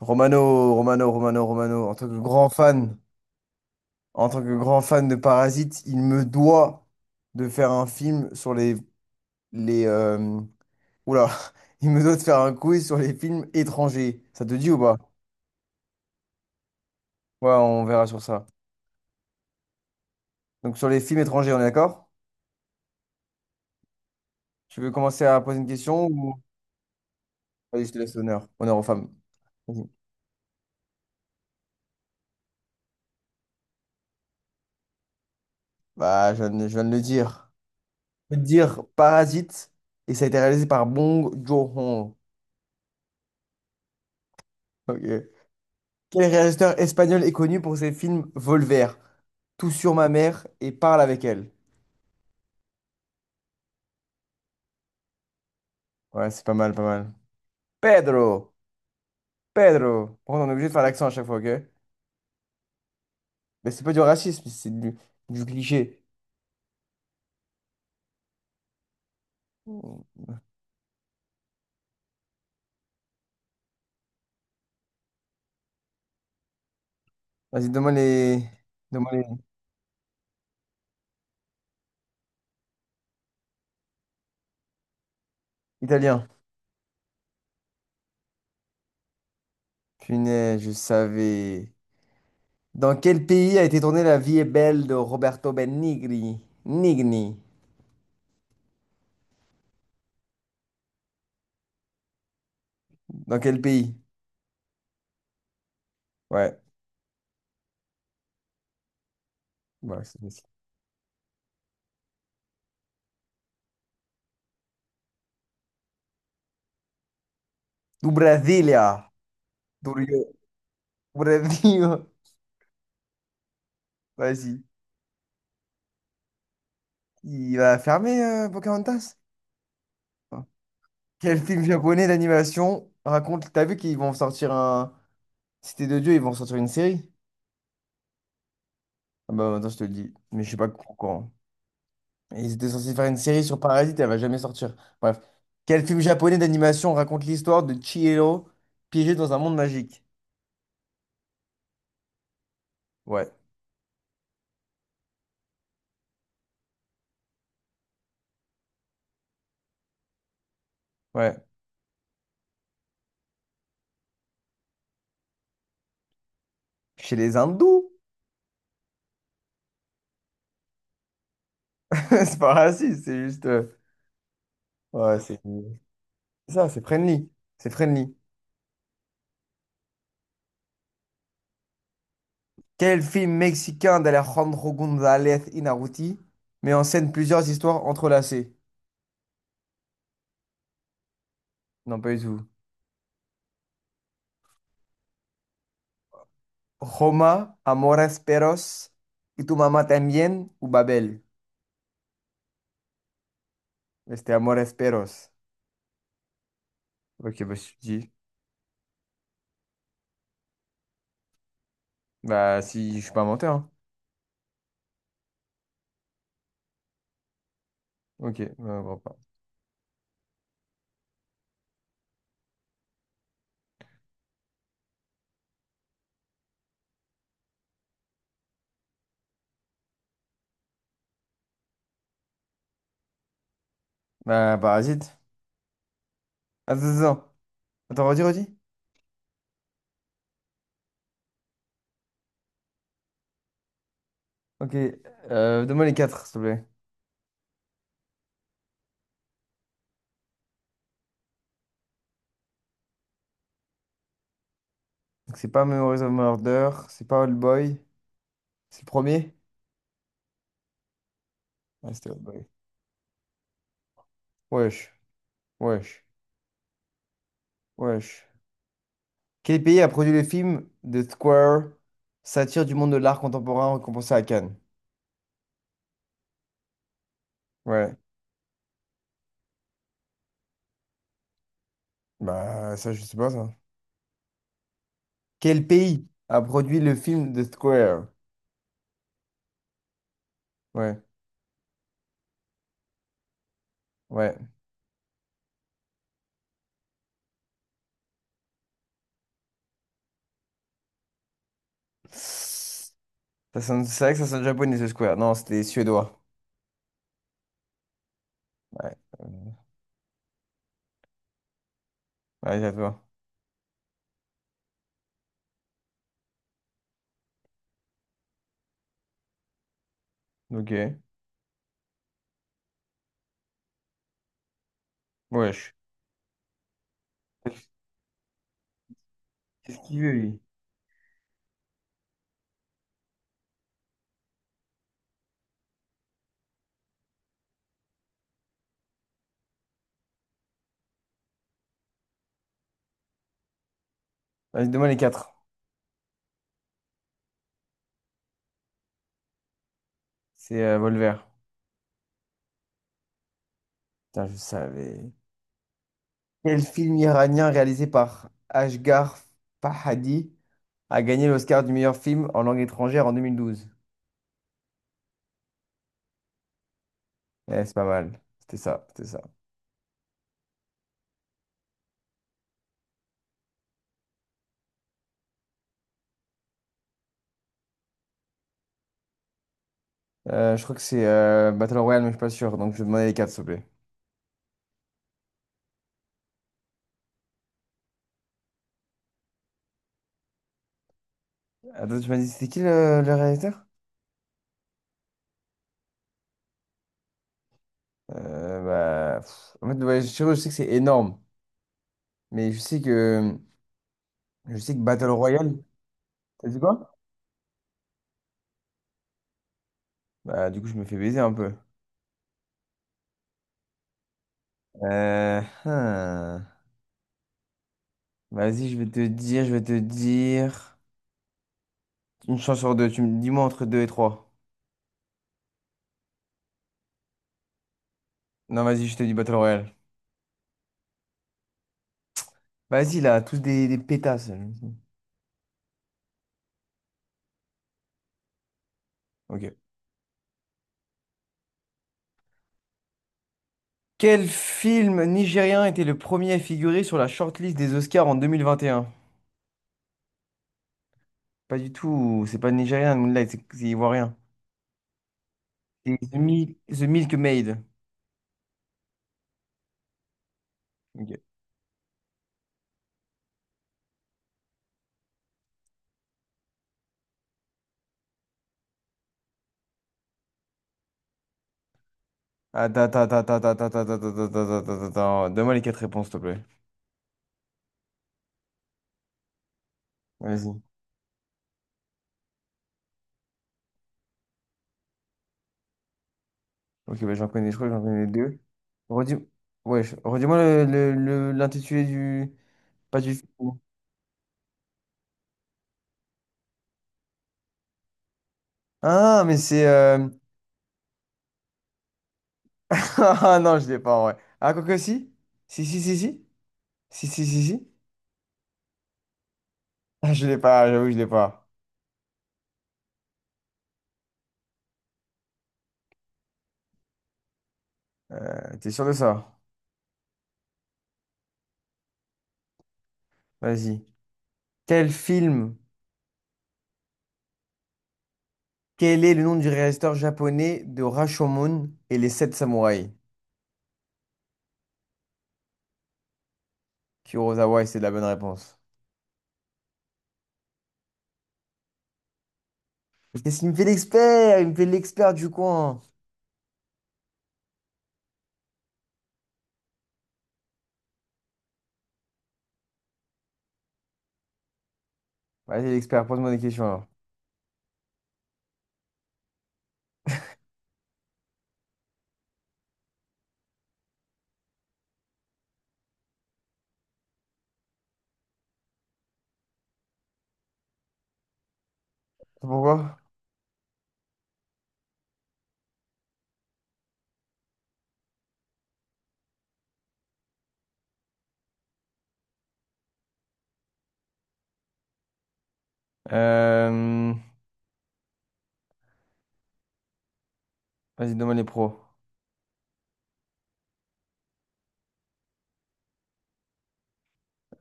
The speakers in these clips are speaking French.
Romano, Romano, Romano, Romano, en tant que grand fan, de Parasite, il me doit de faire un film sur les oula, il me doit de faire un quiz sur les films étrangers. Ça te dit ou pas? Ouais, on verra sur ça. Donc sur les films étrangers, on est d'accord? Tu veux commencer à poser une question ou... Vas-y, je te laisse l'honneur. Honneur aux femmes. Vas-y. Bah, je viens de le dire. Je peux te dire Parasite et ça a été réalisé par Bong Joon-ho. Ok. Quel réalisateur espagnol est connu pour ses films Volver, Tout sur ma mère et Parle avec elle? Ouais, c'est pas mal, pas mal. Pedro, Pedro. Par contre, on est obligé de faire l'accent à chaque fois, ok? Mais c'est pas du racisme, c'est du cliché. Vas-y, donne-moi les Italiens. Punaise, je savais. Dans quel pays a été tournée La vie est belle de Roberto Benigni? Nigni. Dans quel pays? Ouais. Ouais, c'est facile. Du Brasilia. Du Rio. Brasil. Vas-y. Il va fermer Pocahontas? Enfin. Quel film japonais d'animation raconte... T'as vu qu'ils vont sortir un... Cité de Dieu, ils vont sortir une série? Ah bah attends, je te le dis, mais je sais pas pourquoi. Ils étaient censés faire une série sur Parasite, elle va jamais sortir. Bref. Quel film japonais d'animation raconte l'histoire de Chihiro piégé dans un monde magique? Ouais, ouais. Chez les hindous? C'est pas raciste, c'est juste... Ouais, c'est... Ça, c'est friendly. C'est friendly. Quel film mexicain d'Alejandro González Inarritu met en scène plusieurs histoires entrelacées? Non, pas du tout. Roma, Amores Perros, Y tu mamá también, ou Babel? Mais c'était Amores Perros. Ok, bah si tu dis. Bah si, je suis pas menteur, hein. Ok, bah, bon, bah, bah, parasite. Attends, attends, attends. Attends, redis, redis. Ok, donne-moi les quatre, s'il te plaît. Donc c'est pas Memories of Murder, c'est pas Old Boy, c'est le premier? Ouais, c'était Old Boy. Wesh, wesh, wesh. Quel pays a produit le film The Square, satire du monde de l'art contemporain récompensé à Cannes? Ouais, bah ça je sais pas ça. Quel pays a produit le film The Square? Ouais, ouais. Ça c'est vrai que ça sonne japonais The Square. Non, c'était suédois. Ouais, euh, ouais, à toi. Ok, wesh. Qu'est-ce qu'il veut lui? Vas-y, donne-moi les quatre. C'est Volver. Putain, je savais. Quel film iranien réalisé par Ashghar Fahadi a gagné l'Oscar du meilleur film en langue étrangère en 2012. Eh, c'est pas mal. C'était ça, c'était ça. Je crois que c'est Battle Royale, mais je suis pas sûr. Donc je vais demander les quatre, s'il te plaît. Attends, tu m'as dit, c'était qui le réalisateur? Euh, Bah, pff, en fait, ouais, je sais que c'est énorme. Mais je sais que Battle Royale... T'as dit quoi? Bah, du coup, je me fais baiser un peu. Hein. Vas-y, je vais te dire, je vais te dire. Une chance sur deux. Tu me dis-moi entre deux et trois. Non, vas-y, je te dis Battle Royale. Vas-y, là, tous des pétasses. Ok. Quel film nigérien était le premier à figurer sur la shortlist des Oscars en 2021. Pas du tout, c'est pas nigérien, Moonlight, c'est ivoirien. C'est The Milk Maid. Ok. Attends, attends, attends, attends, attends, attends, attends, attends, attends, attends, attends, attends. Donne-moi les quatre réponses, s'il te plaît. Vas-y. Ok, bah, je crois que j'en connais deux. Redis... Ouais, redis-moi l'intitulé du... Pas du film. Ah, mais c'est... Ah non, je l'ai pas, ouais. Ah, quoi que si? Si, si, si, si. Si, si, si, si. Ah, je l'ai pas, j'avoue, que je l'ai pas. T'es sûr de ça? Vas-y. Quel film, quel est le nom du réalisateur japonais de Rashomon et les sept samouraïs? Kurosawa, et c'est la bonne réponse. Mais qu'est-ce qu'il me fait l'expert? Il me fait l'expert du coin. Vas-y, l'expert, pose-moi des questions alors. Pourquoi? Euh, Vas-y, demande les pros.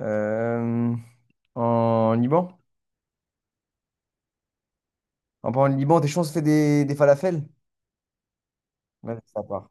Euh, En Liban? Enfin, en parlant de Liban, tes chances fait des falafels? Ouais, ça part.